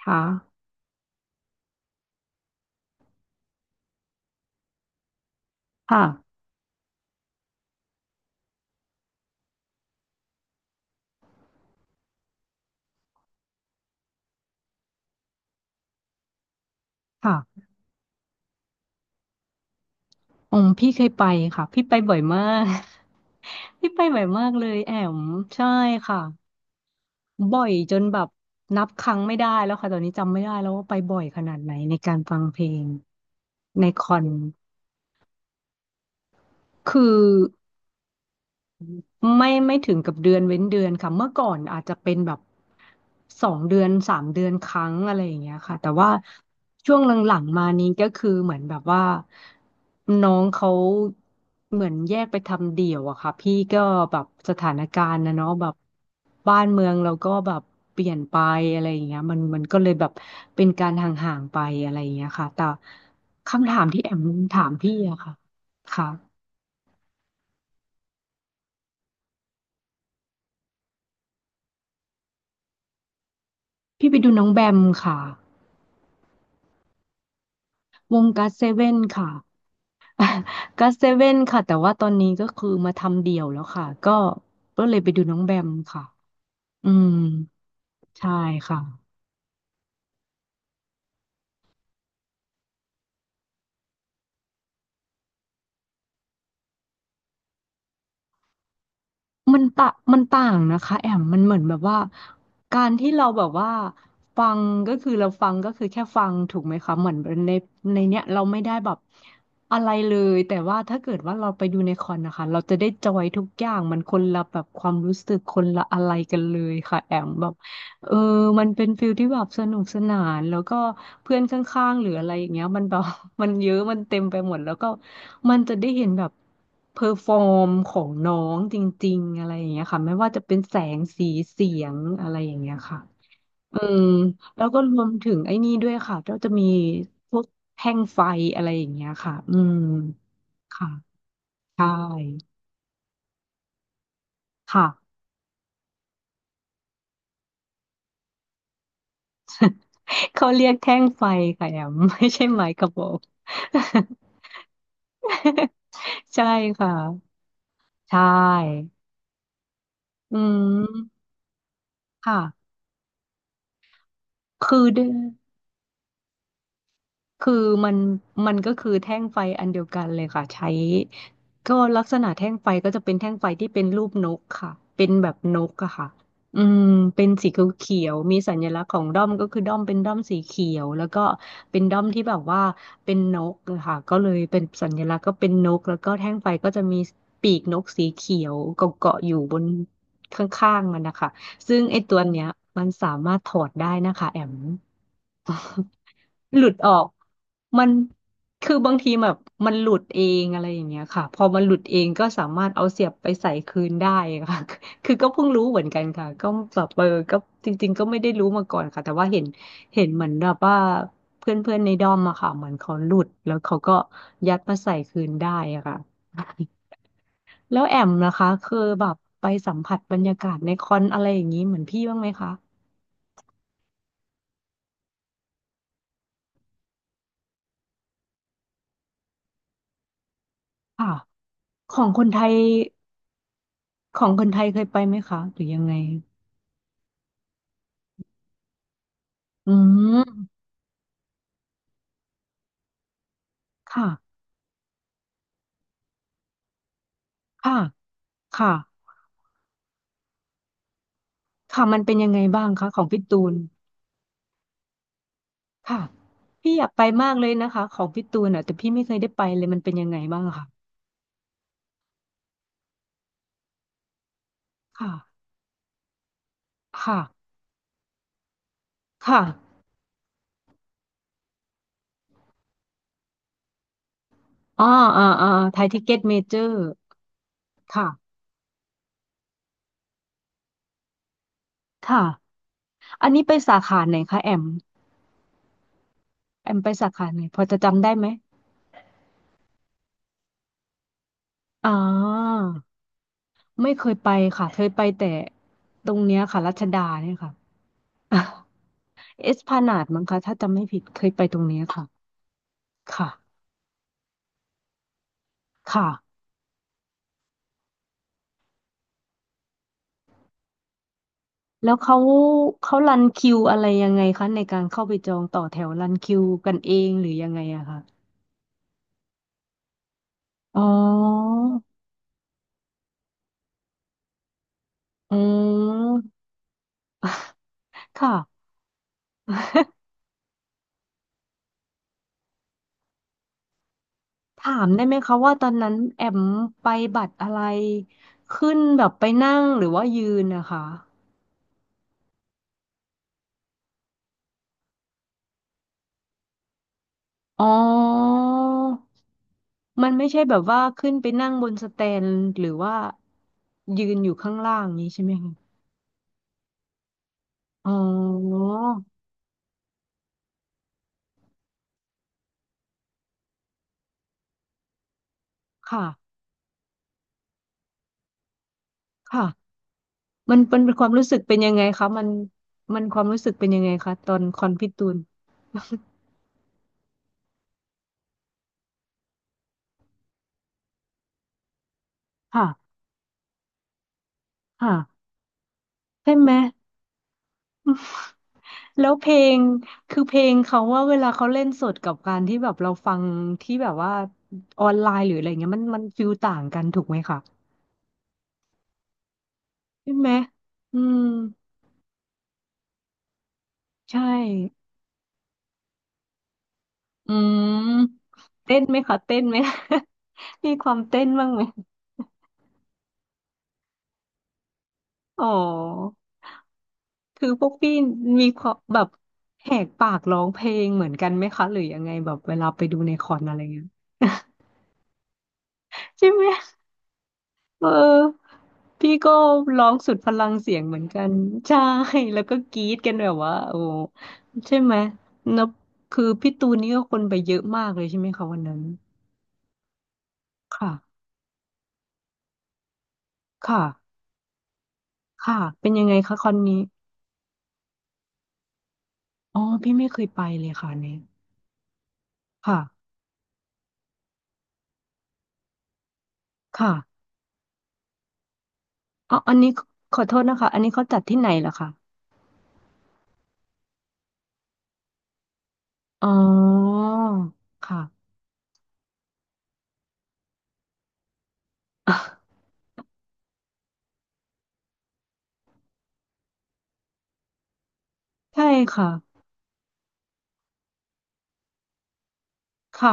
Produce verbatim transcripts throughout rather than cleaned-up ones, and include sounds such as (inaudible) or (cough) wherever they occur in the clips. ค่ะค่ะค่ะอืมพี่เคยไปค่ะพี่ไปบ่อยมาก (laughs) พี่ไปบ่อยมากเลยแอมใช่ค่ะ บ่อยจนแบบนับครั้งไม่ได้แล้วค่ะ ตอนนี้จำไม่ได้แล้วว่าไปบ่อยขนาดไหนในการฟังเพลงในคอนคือ ไม่ไม่ถึงกับเดือนเว้นเดือนค่ะเมื่อก่อนอาจจะเป็นแบบสองเดือนสามเดือนครั้งอะไรอย่างเงี้ยค่ะแต่ว่าช่วงหลังๆมานี้ก็คือเหมือนแบบว่าน้องเขาเหมือนแยกไปทำเดี่ยวอะค่ะพี่ก็แบบสถานการณ์นะเนาะแบบบ้านเมืองเราก็แบบเปลี่ยนไปอะไรอย่างเงี้ยมันมันก็เลยแบบเป็นการห่างๆไปอะไรอย่างเงี้ยค่ะแต่คำถามที่แอมถามพี่อะค่ะค่ะพี่ไปดูน้องแบมค่ะ วงการเซเว่นค่ะก็เซเว่นค่ะแต่ว่าตอนนี้ก็คือมาทำเดี่ยวแล้วค่ะก็ก็เลยไปดูน้องแบมค่ะอืมใช่ค่ะมันตะมันต่างนะคะแอมมันเหมือนแบบว่าการที่เราแบบว่าฟังก็คือเราฟังก็คือแค่ฟังถูกไหมคะเหมือนในในเนี้ยเราไม่ได้แบบอะไรเลยแต่ว่าถ้าเกิดว่าเราไปดูในคอนนะคะเราจะได้จอยทุกอย่างมันคนละแบบความรู้สึกคนละอะไรกันเลยค่ะแอมแบบ เออมันเป็นฟิลที่แบบสนุกสนานแล้วก็เพื่อนข้างๆหรืออะไรอย่างเงี้ยมันแบบ (laughs) มันเยอะมันเต็มไปหมดแล้วก็มันจะได้เห็นแบบเพอร์ฟอร์มของน้องจริงๆอะไรอย่างเงี้ยค่ะไม่ว่าจะเป็นแสงสีเสียงอะไรอย่างเงี้ยค่ะอืมแล้วก็รวมถึงไอ้นี่ด้วยค่ะก็จะมีพวกแท่งไฟอะไรอย่างเงี้ยค่ะอืมค่ะใช่ค่ะเขาเรียกแท่งไฟค่ะแอม (laughs) ไม่ใช่ไม้กระบอก (laughs) ใช่ค่ะใช่อืมค่ะคือด้วย คือมันมันก็คือแท่งไฟอันเดียวกันเลยค่ะใช้ก็ลักษณะแท่งไฟก็จะเป็นแท่งไฟที่เป็นรูปนกค่ะเป็นแบบนกอะค่ะอืมเป็นสีเขียวๆมีสัญลักษณ์ของด้อมก็คือด้อมเป็นด้อมสีเขียวแล้วก็เป็นด้อมที่แบบว่าเป็นนกอะค่ะก็เลยเป็นสัญลักษณ์ก็เป็นนกแล้วก็แท่งไฟก็จะมีปีกนกสีเขียวเกาะๆอยู่บนข้างๆมันนะคะซึ่งไอ้ตัวเนี้ยมันสามารถถอดได้นะคะแอม (laughs) อ๋อหลุดออกมันคือบางทีแบบมันหลุดเองอะไรอย่างเงี้ยค่ะพอมันหลุดเองก็สามารถเอาเสียบไปใส่คืนได้ค่ะ (laughs) คือก็เพิ่งรู้เหมือนกันค่ะก็แบบเออก็จริงๆก็ไม่ได้รู้มาก่อนค่ะแต่ว่าเห็นเห็นเหมือนแบบว่าเพื่อนๆในดอมอะค่ะเหมือนเขาหลุดแล้วเขาก็ยัดมาใส่คืนได้อะค่ะ (laughs) แล้วแอมนะคะเคือแบบไปสัมผัสบรรยากาศในคอนอะไรอย่างนี้เหมือนพี่บ้างไหมคะค่ะของคนไทย ของคนไทยเคยไปไหมคะหรือยังไงอืมค่ะ ค่ะ ค่ะ ค่ะมันเป็นยังไงบ้างคะของพี่ตูนค่ะพี่อยากไปมากเลยนะคะของพี่ตูนอ่ะแต่พี่ไม่เคยได้ไปเลยมันเป็นยังไงบ้างอะคะค่ะ ค่ะ ค่ะอ่าอ่าอ่าไทยทิเก็ตเมเจอร์ค่ะ ค่ะ อันนี้ไปสาขาไหนคะแอมแอมไปสาขาไหนพอจะจำได้ไหมอ่าไม่เคยไปค่ะเคยไปแต่ตรงเนี้ยค่ะรัชดาเนี่ยค่ะ (laughs) เอสพลานาดมั้งคะถ้าจำไม่ผิดเคยไปตรงเนี้ยค่ะค่ะค่ะแล้วเขาเขารันคิวอะไรยังไงคะในการเข้าไปจองต่อแถวรันคิวกันเองหรือยังไงอะคะอ๋ออืมค่ะถามได้ไหมคะว่าตอนนั้นแอมไปบัตรอะไรขึ้นแบบไปนั่งหรือว่ายืนนะคะอ๋อมันไม่ใช่แบบว่าขึ้นไปนั่งบนสแตนหรือว่ายืนอยู่ข้างล่างนี้ใช่ไหมคะอ๋อ ค่ะ ค่ะมันมันเป็นความรู้สึกเป็นยังไงคะมันมันความรู้สึกเป็นยังไงคะตอนคอนพี่ตูนค่ะค่ะใช่ไหม (laughs) แล้วเพลงคือเพลงเขาว่าเวลาเขาเล่นสดกับการที่แบบเราฟังที่แบบว่าออนไลน์หรืออะไรเงี้ยมันมันฟิลต่างกันถูกไหมคะใช่ไหมอืมใช่อืม เต้นไหมคะเต้นไหม (laughs) มีความเต้นบ้างไหมอ๋อ คือพวกพี่มีความแบบแหกปากร้องเพลงเหมือนกันไหมคะหรือยังไงแบบเวลาไปดูในคอนอะไรเงี้ยใช่ไหมเออพี่ก็ร้องสุดพลังเสียงเหมือนกันใช่แล้วก็กรี๊ดกันแบบว่าโอ้ใช่ไหมนับคือพี่ตูนนี่ก็คนไปเยอะมากเลยใช่ไหมคะวันนั้นค่ะค่ะค่ะเป็นยังไงคะคอนนี้อ๋อพี่ไม่เคยไปเลยค่ะอันเนี่ยค่ะค่ะอ๋ออันนี้ขอโทษนะคะอันนี้เขาจัดที่ไหนล่ะคะ อ๋อค่ะ (laughs) ใช่ค่ะ ค่ะ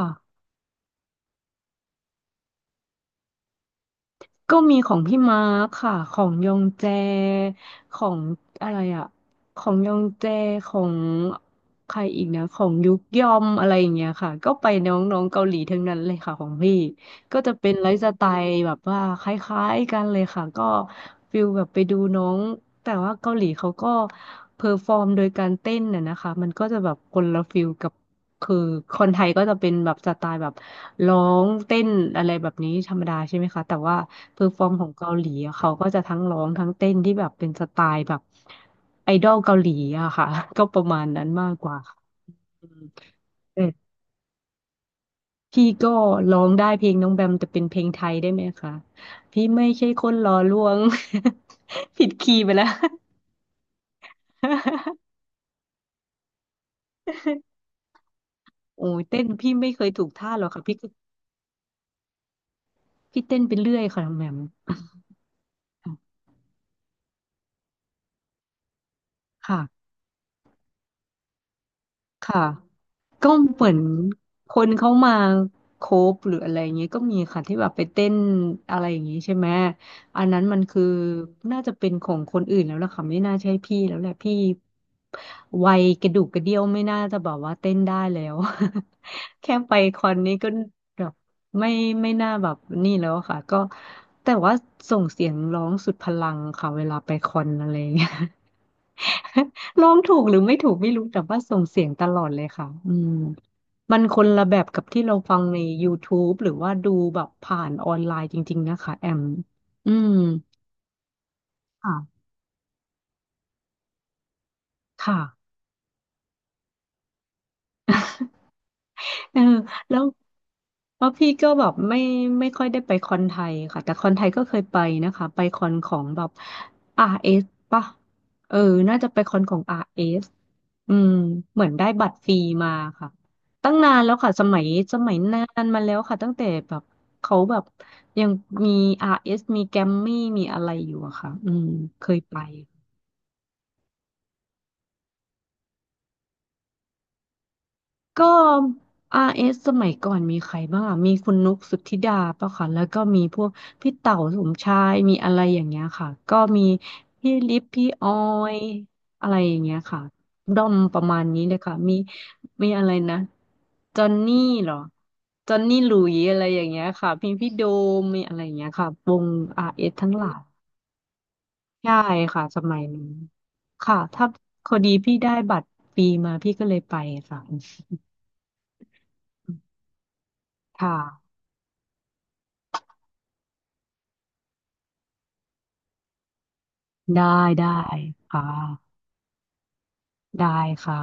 ก็มีของพี่มาร์คค่ะของยองแจ ของอะไรอะของยองแจของใครอีกนะของยุกยอมอะไรอย่างเงี้ยค่ะก็ไปน้องๆเกาหลีทั้งนั้นเลยค่ะของพี่ ก็จะเป็นไลฟ์สไตล์แบบว่าคล้ายๆกันเลยค่ะก็ฟิลแบบไปดูน้องแต่ว่าเกาหลีเขาก็เพอร์ฟอร์มโดยการเต้นน่ะนะคะมันก็จะแบบคนละฟิลกับคือคนไทยก็จะเป็นแบบสไตล์แบบร้องเต้นอะไรแบบนี้ธรรมดาใช่ไหมคะแต่ว่าเพอร์ฟอร์มของเกาหลีอะเขาก็จะทั้งร้องทั้งเต้นที่แบบเป็นสไตล์แบบไอดอลเกาหลีอะค่ะ (laughs) ก็ประมาณนั้นมากกว่าค่ะอืม พี่ก็ร้องได้เพลงน้องแบมแต่เป็นเพลงไทยได้ไหมคะพี่ไม่ใช่คนหล่อลวง (laughs) ผิดคีย์ไปแล้ว (laughs) โอ้ยเต้นพี่ไม่เคยถูกท่าหรอกค่ะพี่ก็พี่เต้นไปเรื่อยค่ะน้องแบมค่ะ ค่ะก็เหมือนคนเขามาโคฟหรืออะไรอย่างเงี้ยก็มีค่ะที่แบบไปเต้นอะไรอย่างงี้ใช่ไหมอันนั้นมันคือน่าจะเป็นของคนอื่นแล้วล่ะค่ะไม่น่าใช่พี่แล้วแหละพี่วัยกระดูกกระเดี้ยวไม่น่าจะแบบว่าเต้นได้แล้ว (laughs) แค่ไปคอนนี้ก็แบบไม่ไม่น่าแบบนี่แล้วอะค่ะก็แต่ว่าส่งเสียงร้องสุดพลังค่ะเวลาไปคอนอะไรอย่างเงี้ย (laughs) ร้องถูกหรือไม่ถูกไม่รู้แต่ว่าส่งเสียงตลอดเลยค่ะอืมมันคนละแบบกับที่เราฟังใน YouTube หรือว่าดูแบบผ่านออนไลน์จริงๆนะคะแอมอืมค่ะค่ะ เออแล้วเพราะพี่ก็แบบไม่ไม่ค่อยได้ไปคอนไทยค่ะแต่คอนไทยก็เคยไปนะคะไปคอนของแบบ อาร์ เอส ป่ะเออน่าจะไปคอนของ อาร์ เอส อสอืมเหมือนได้บัตรฟรีมาค่ะตั้งนานแล้วค่ะสมัยสมัยนานมาแล้วค่ะตั้งแต่แบบเขาแบบยังมี อาร์ เอส มีแกรมมี่มีอะไรอยู่อะค่ะอืมเคยไป ก็อาร์เอสสมัยก่อนมีใครบ้างอะมีคุณนุกสุทธิดาป่ะค่ะแล้วก็มีพวกพี่เต๋าสมชายมีอะไรอย่างเงี้ยค่ะก็มีพี่ลิฟพี่ออยอะไรอย่างเงี้ยค่ะด้อมประมาณนี้เลยค่ะมีมีอะไรนะจอนนี่เหรอจอนนี่หลุยอะไรอย่างเงี้ยค่ะมีพี่โดมมีอะไรอย่างเงี้ยค่ะวงอาร์เอสทั้งหลายใช่ค่ะสมัยนั้นค่ะถ้าพอดีพี่ได้บัตรฟรีมาพี่ก็เลยไปค่ะค่ะ ได้ได้ค่ะได้ค่ะ